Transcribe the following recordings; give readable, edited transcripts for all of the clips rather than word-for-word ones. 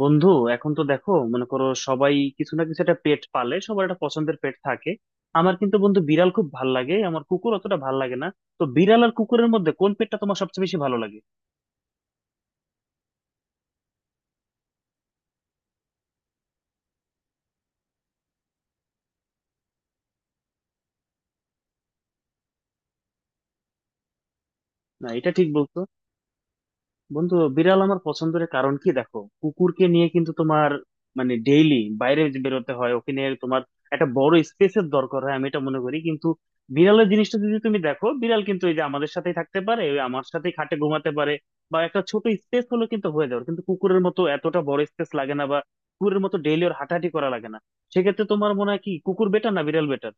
বন্ধু, এখন তো দেখো, মনে করো, সবাই কিছু না কিছু একটা পেট পালে, সবার একটা পছন্দের পেট থাকে। আমার কিন্তু বন্ধু বিড়াল খুব ভাল লাগে, আমার কুকুর অতটা ভাল লাগে না। তো বিড়াল আর কুকুরের মধ্যে কোন পেটটা তোমার সবচেয়ে বেশি ভালো লাগে? না, এটা ঠিক বলতো। বন্ধু, বিড়াল আমার পছন্দের কারণ কি, দেখো কুকুরকে নিয়ে কিন্তু তোমার মানে ডেইলি বাইরে যে বেরোতে হয় ওকে নিয়ে, তোমার একটা বড় স্পেসের দরকার হয়, আমি এটা মনে করি। কিন্তু বিড়ালের জিনিসটা যদি তুমি দেখো, বিড়াল কিন্তু এই যে আমাদের সাথেই থাকতে পারে, ওই আমার সাথেই খাটে ঘুমাতে পারে, বা একটা ছোট স্পেস হলো কিন্তু হয়ে যাবে, কিন্তু কুকুরের মতো এতটা বড় স্পেস লাগে না, বা কুকুরের মতো ডেইলি ওর হাঁটাহাঁটি করা লাগে না। সেক্ষেত্রে তোমার মনে হয় কি, কুকুর বেটার না বিড়াল বেটার?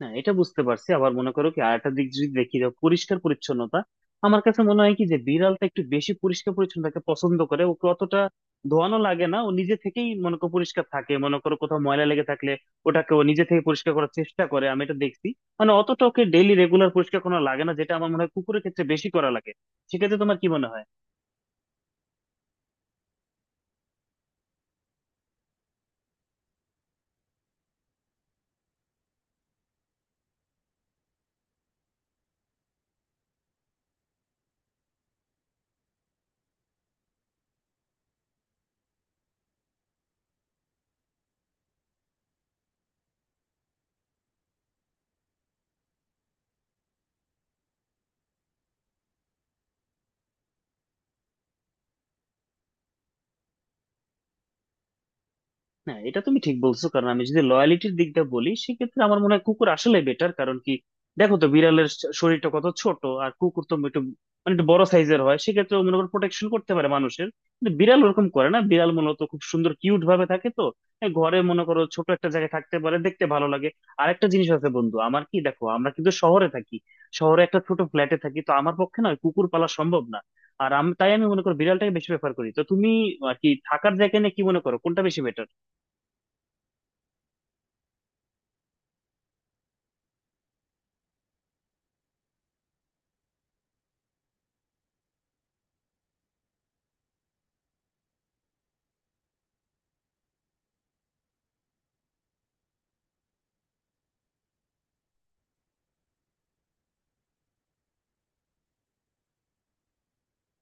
না, এটা বুঝতে পারছি। আবার মনে করো কি, আরেকটা দিক যদি দেখি, যে পরিষ্কার পরিচ্ছন্নতা, আমার কাছে মনে হয় কি যে বিড়ালটা একটু বেশি পরিষ্কার পরিচ্ছন্নতাকে পছন্দ করে, ওকে অতটা ধোয়ানো লাগে না, ও নিজে থেকেই মনে করো পরিষ্কার থাকে। মনে করো কোথাও ময়লা লেগে থাকলে ওটাকে ও নিজে থেকে পরিষ্কার করার চেষ্টা করে, আমি এটা দেখছি। মানে অতটা ওকে ডেইলি রেগুলার পরিষ্কার করা লাগে না, যেটা আমার মনে হয় কুকুরের ক্ষেত্রে বেশি করা লাগে। সেক্ষেত্রে তোমার কি মনে হয়? না, এটা তুমি ঠিক বলছো। কারণ আমি যদি লয়ালিটির দিকটা বলি, সেক্ষেত্রে আমার মনে হয় কুকুর আসলে বেটার। কারণ কি, দেখো তো বিড়ালের শরীরটা কত ছোট, আর কুকুর তো একটু মানে একটু বড় সাইজের হয়। সেক্ষেত্রে ও মনে করো প্রোটেকশন করতে পারে মানুষের। কিন্তু বিড়াল ওরকম করে না, বিড়াল মূলত খুব সুন্দর কিউট ভাবে থাকে, তো এই ঘরে মনে করো ছোট একটা জায়গায় থাকতে পারে, দেখতে ভালো লাগে। আর একটা জিনিস আছে বন্ধু আমার, কি দেখো, আমরা কিন্তু শহরে থাকি, শহরে একটা ছোট ফ্ল্যাটে থাকি, তো আমার পক্ষে না ওই কুকুর পালা সম্ভব না। আর আমি তাই আমি মনে করি বিড়ালটাকে বেশি প্রেফার করি। তো তুমি আর কি, থাকার জায়গা নিয়ে কি মনে করো, কোনটা বেশি বেটার?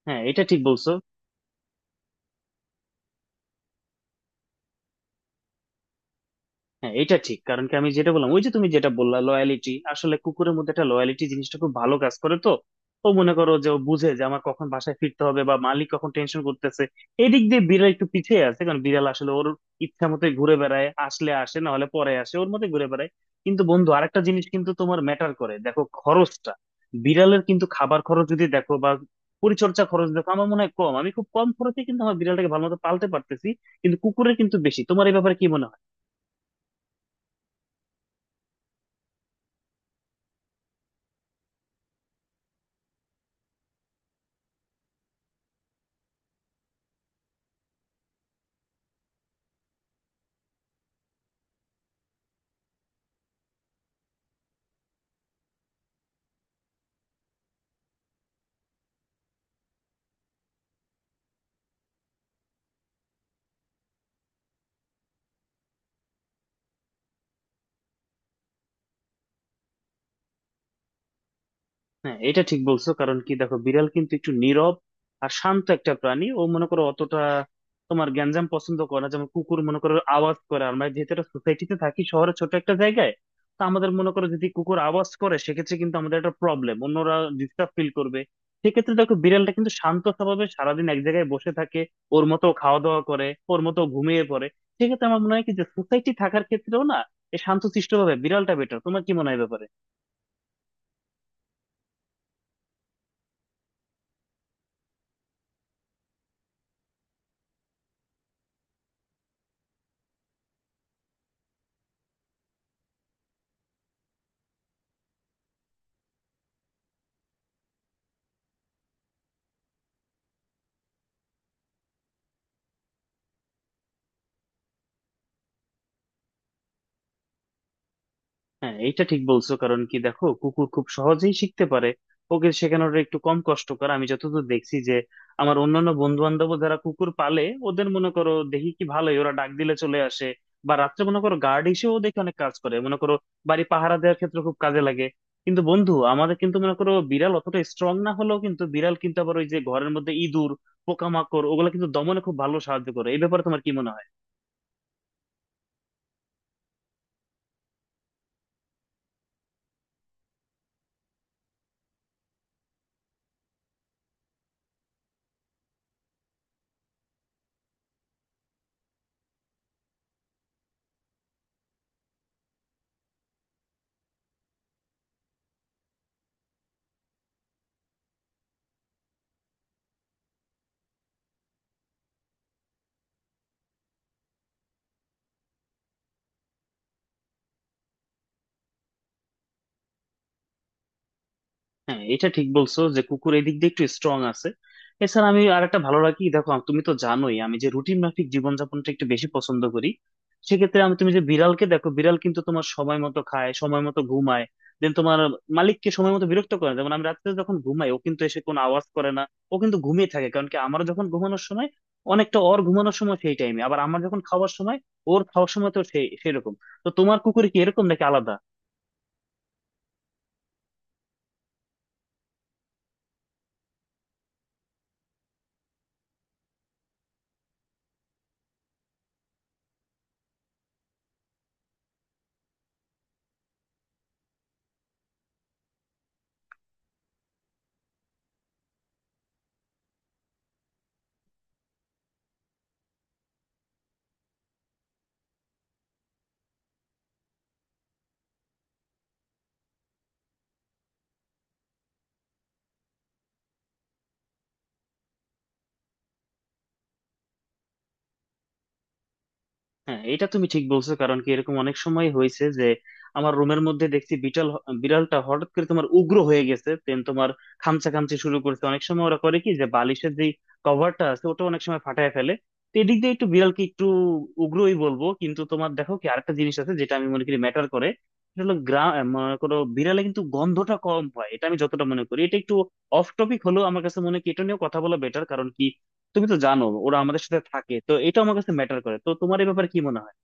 হ্যাঁ, এটা ঠিক বলছো। হ্যাঁ, এটা ঠিক। কারণ কি, আমি যেটা বললাম ওই যে, তুমি যেটা বললা লয়ালিটি, আসলে কুকুরের মধ্যে একটা লয়ালিটি জিনিসটা খুব ভালো কাজ করে। তো ও মনে করো যে ও বুঝে যে আমার কখন বাসায় ফিরতে হবে, বা মালিক কখন টেনশন করতেছে। এদিক দিয়ে বিড়াল একটু পিছিয়ে আছে, কারণ বিড়াল আসলে ওর ইচ্ছা মতো ঘুরে বেড়ায়, আসলে আসে, না হলে পরে আসে, ওর মতো ঘুরে বেড়ায়। কিন্তু বন্ধু, আরেকটা জিনিস কিন্তু তোমার ম্যাটার করে, দেখো খরচটা। বিড়ালের কিন্তু খাবার খরচ যদি দেখো, বা পরিচর্যা খরচ দেখো, আমার মনে হয় কম। আমি খুব কম খরচে কিন্তু আমার বিড়ালটাকে ভালো মতো পালতে পারতেছি। কিন্তু কুকুরের কিন্তু বেশি। তোমার এই ব্যাপারে কি মনে হয়? হ্যাঁ, এটা ঠিক বলছো। কারণ কি দেখো, বিড়াল কিন্তু একটু নীরব আর শান্ত একটা প্রাণী। ও মনে করো অতটা তোমার গ্যাঞ্জাম পছন্দ করে না, যেমন কুকুর মনে করো আওয়াজ করে। আমরা যেহেতু একটা সোসাইটিতে থাকি, শহরে ছোট একটা জায়গায়, তো আমাদের মনে করো যদি কুকুর আওয়াজ করে, সেক্ষেত্রে কিন্তু আমাদের একটা প্রবলেম, অন্যরা ডিস্টার্ব ফিল করবে। সেক্ষেত্রে দেখো বিড়ালটা কিন্তু শান্ত স্বভাবে সারাদিন এক জায়গায় বসে থাকে, ওর মতো খাওয়া দাওয়া করে, ওর মতো ঘুমিয়ে পড়ে। সেক্ষেত্রে আমার মনে হয় কি যে সোসাইটি থাকার ক্ষেত্রেও না, এই শান্তশিষ্ট ভাবে বিড়ালটা বেটার। তোমার কি মনে হয় এ ব্যাপারে? হ্যাঁ, এটা ঠিক বলছো। কারণ কি দেখো, কুকুর খুব সহজেই শিখতে পারে, ওকে শেখানোর একটু কম কষ্টকর। আমি যতদূর দেখছি যে আমার অন্যান্য বন্ধু বান্ধব যারা কুকুর পালে, ওদের মনে করো দেখি কি ভালোই ওরা ডাক দিলে চলে আসে, বা রাত্রে মনে করো গার্ড হিসেবেও দেখে অনেক কাজ করে, মনে করো বাড়ি পাহারা দেওয়ার ক্ষেত্রে খুব কাজে লাগে। কিন্তু বন্ধু, আমাদের কিন্তু মনে করো বিড়াল অতটা স্ট্রং না হলেও, কিন্তু বিড়াল কিন্তু আবার ওই যে ঘরের মধ্যে ইঁদুর, পোকামাকড়, ওগুলো কিন্তু দমনে খুব ভালো সাহায্য করে। এই ব্যাপারে তোমার কি মনে হয়? হ্যাঁ, এটা ঠিক বলছো যে কুকুর এদিক দিয়ে একটু স্ট্রং আছে। এছাড়া আমি আর একটা ভালো রাখি, দেখো তুমি তো জানোই, আমি যে রুটিন মাফিক জীবনযাপনটা একটু বেশি পছন্দ করি। সেক্ষেত্রে আমি তুমি যে বিড়ালকে দেখো, বিড়াল কিন্তু তোমার সময় মতো খায়, সময় মতো ঘুমায়, দেন তোমার মালিককে সময় মতো বিরক্ত করে না। যেমন আমি রাত্রে যখন ঘুমাই, ও কিন্তু এসে কোনো আওয়াজ করে না, ও কিন্তু ঘুমিয়ে থাকে। কারণ কি, আমারও যখন ঘুমানোর সময়, অনেকটা ওর ঘুমানোর সময় সেই টাইমে, আবার আমার যখন খাওয়ার সময়, ওর খাওয়ার সময়, তো সেই সেরকম। তো তোমার কুকুর কি এরকম নাকি আলাদা? হ্যাঁ, এটা তুমি ঠিক বলছো। কারণ কি, এরকম অনেক সময় হয়েছে যে আমার রুমের মধ্যে দেখছি বিড়াল, বিড়ালটা হঠাৎ করে তোমার উগ্র হয়ে গেছে, দেন তোমার খামচা খামচি শুরু করছে। অনেক সময় ওরা করে কি যে বালিশের যে কভারটা আছে ওটা অনেক সময় ফাটায় ফেলে। তো এদিক দিয়ে একটু বিড়ালকে একটু উগ্রই বলবো। কিন্তু তোমার দেখো কি, আরেকটা জিনিস আছে যেটা আমি মনে করি ম্যাটার করে, সেটা হলো গ্রাম। মনে করো বিড়ালে কিন্তু গন্ধটা কম হয়, এটা আমি যতটা মনে করি, এটা একটু অফ টপিক হলেও আমার কাছে মনে হয় কি, এটা নিয়েও কথা বলা বেটার। কারণ কি, তুমি তো জানো ওরা আমাদের সাথে থাকে, তো এটা আমার কাছে ম্যাটার করে। তো তোমার এই ব্যাপারে কি মনে হয়?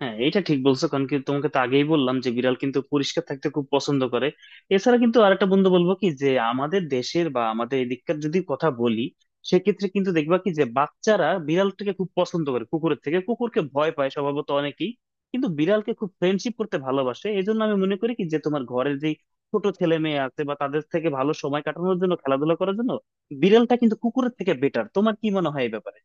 হ্যাঁ, এটা ঠিক বলছো। কারণ কি, তোমাকে তো আগেই বললাম যে বিড়াল কিন্তু পরিষ্কার থাকতে খুব পছন্দ করে। এছাড়া কিন্তু আরেকটা বন্ধু বলবো কি, যে আমাদের দেশের বা আমাদের এদিককার যদি কথা বলি, সেক্ষেত্রে কিন্তু দেখবা কি যে বাচ্চারা বিড়ালটাকে খুব পছন্দ করে কুকুরের থেকে, কুকুরকে ভয় পায় স্বভাবত অনেকেই। কিন্তু বিড়ালকে খুব ফ্রেন্ডশিপ করতে ভালোবাসে। এই জন্য আমি মনে করি কি যে তোমার ঘরের যে ছোট ছেলে মেয়ে আছে, বা তাদের থেকে ভালো সময় কাটানোর জন্য, খেলাধুলা করার জন্য বিড়ালটা কিন্তু কুকুরের থেকে বেটার। তোমার কি মনে হয় এই ব্যাপারে?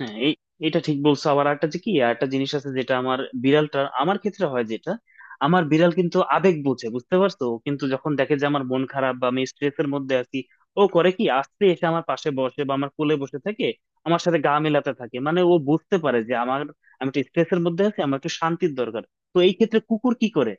হ্যাঁ এই এটা ঠিক বলছো। আবার একটা যে কি একটা জিনিস আছে যেটা আমার বিড়ালটা আমার ক্ষেত্রে হয়, যেটা আমার বিড়াল কিন্তু আবেগ বোঝে, বুঝতে পারছো? ও কিন্তু যখন দেখে যে আমার মন খারাপ বা আমি স্ট্রেসের মধ্যে আছি, ও করে কি আস্তে এসে আমার পাশে বসে বা আমার কোলে বসে থেকে আমার সাথে গা মেলাতে থাকে। মানে ও বুঝতে পারে যে আমি একটু স্ট্রেসের মধ্যে আছি, আমার একটু শান্তির দরকার। তো এই ক্ষেত্রে কুকুর কি করে?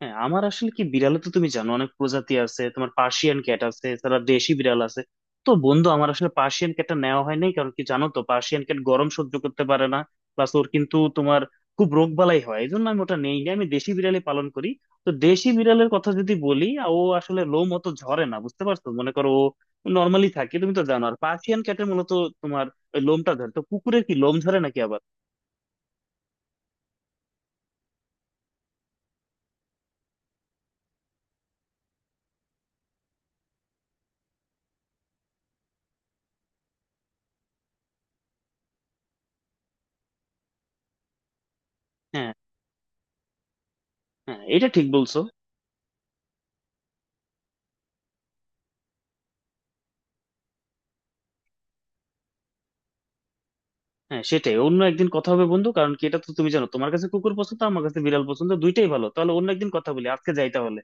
হ্যাঁ, আমার আসলে কি, বিড়ালে তো তুমি জানো অনেক প্রজাতি আছে, তোমার পার্সিয়ান ক্যাট আছে, এছাড়া দেশি বিড়াল আছে। তো বন্ধু আমার আসলে পার্সিয়ান ক্যাটটা নেওয়া হয় নাই, কারণ কি জানো তো, পার্সিয়ান ক্যাট গরম সহ্য করতে পারে না, প্লাস ওর কিন্তু তোমার খুব রোগ বালাই হয়। এই জন্য আমি ওটা নেই নি। আমি দেশি বিড়ালই পালন করি। তো দেশি বিড়ালের কথা যদি বলি, ও আসলে লোম অত ঝরে না, বুঝতে পারছো? মনে করো ও নর্মালি থাকে, তুমি তো জানো। আর পার্সিয়ান ক্যাটের মূলত তোমার ওই লোমটা ঝরে। তো কুকুরের কি লোম ঝরে নাকি আবার? হ্যাঁ। হ্যাঁ, এটা ঠিক বলছো। হ্যাঁ, সেটাই, অন্য একদিন কথা হবে বন্ধু। কারণ কি, এটা তো তুমি জানো তোমার কাছে কুকুর পছন্দ, আমার কাছে বিড়াল পছন্দ, দুইটাই ভালো। তাহলে অন্য একদিন কথা বলি, আজকে যাই তাহলে।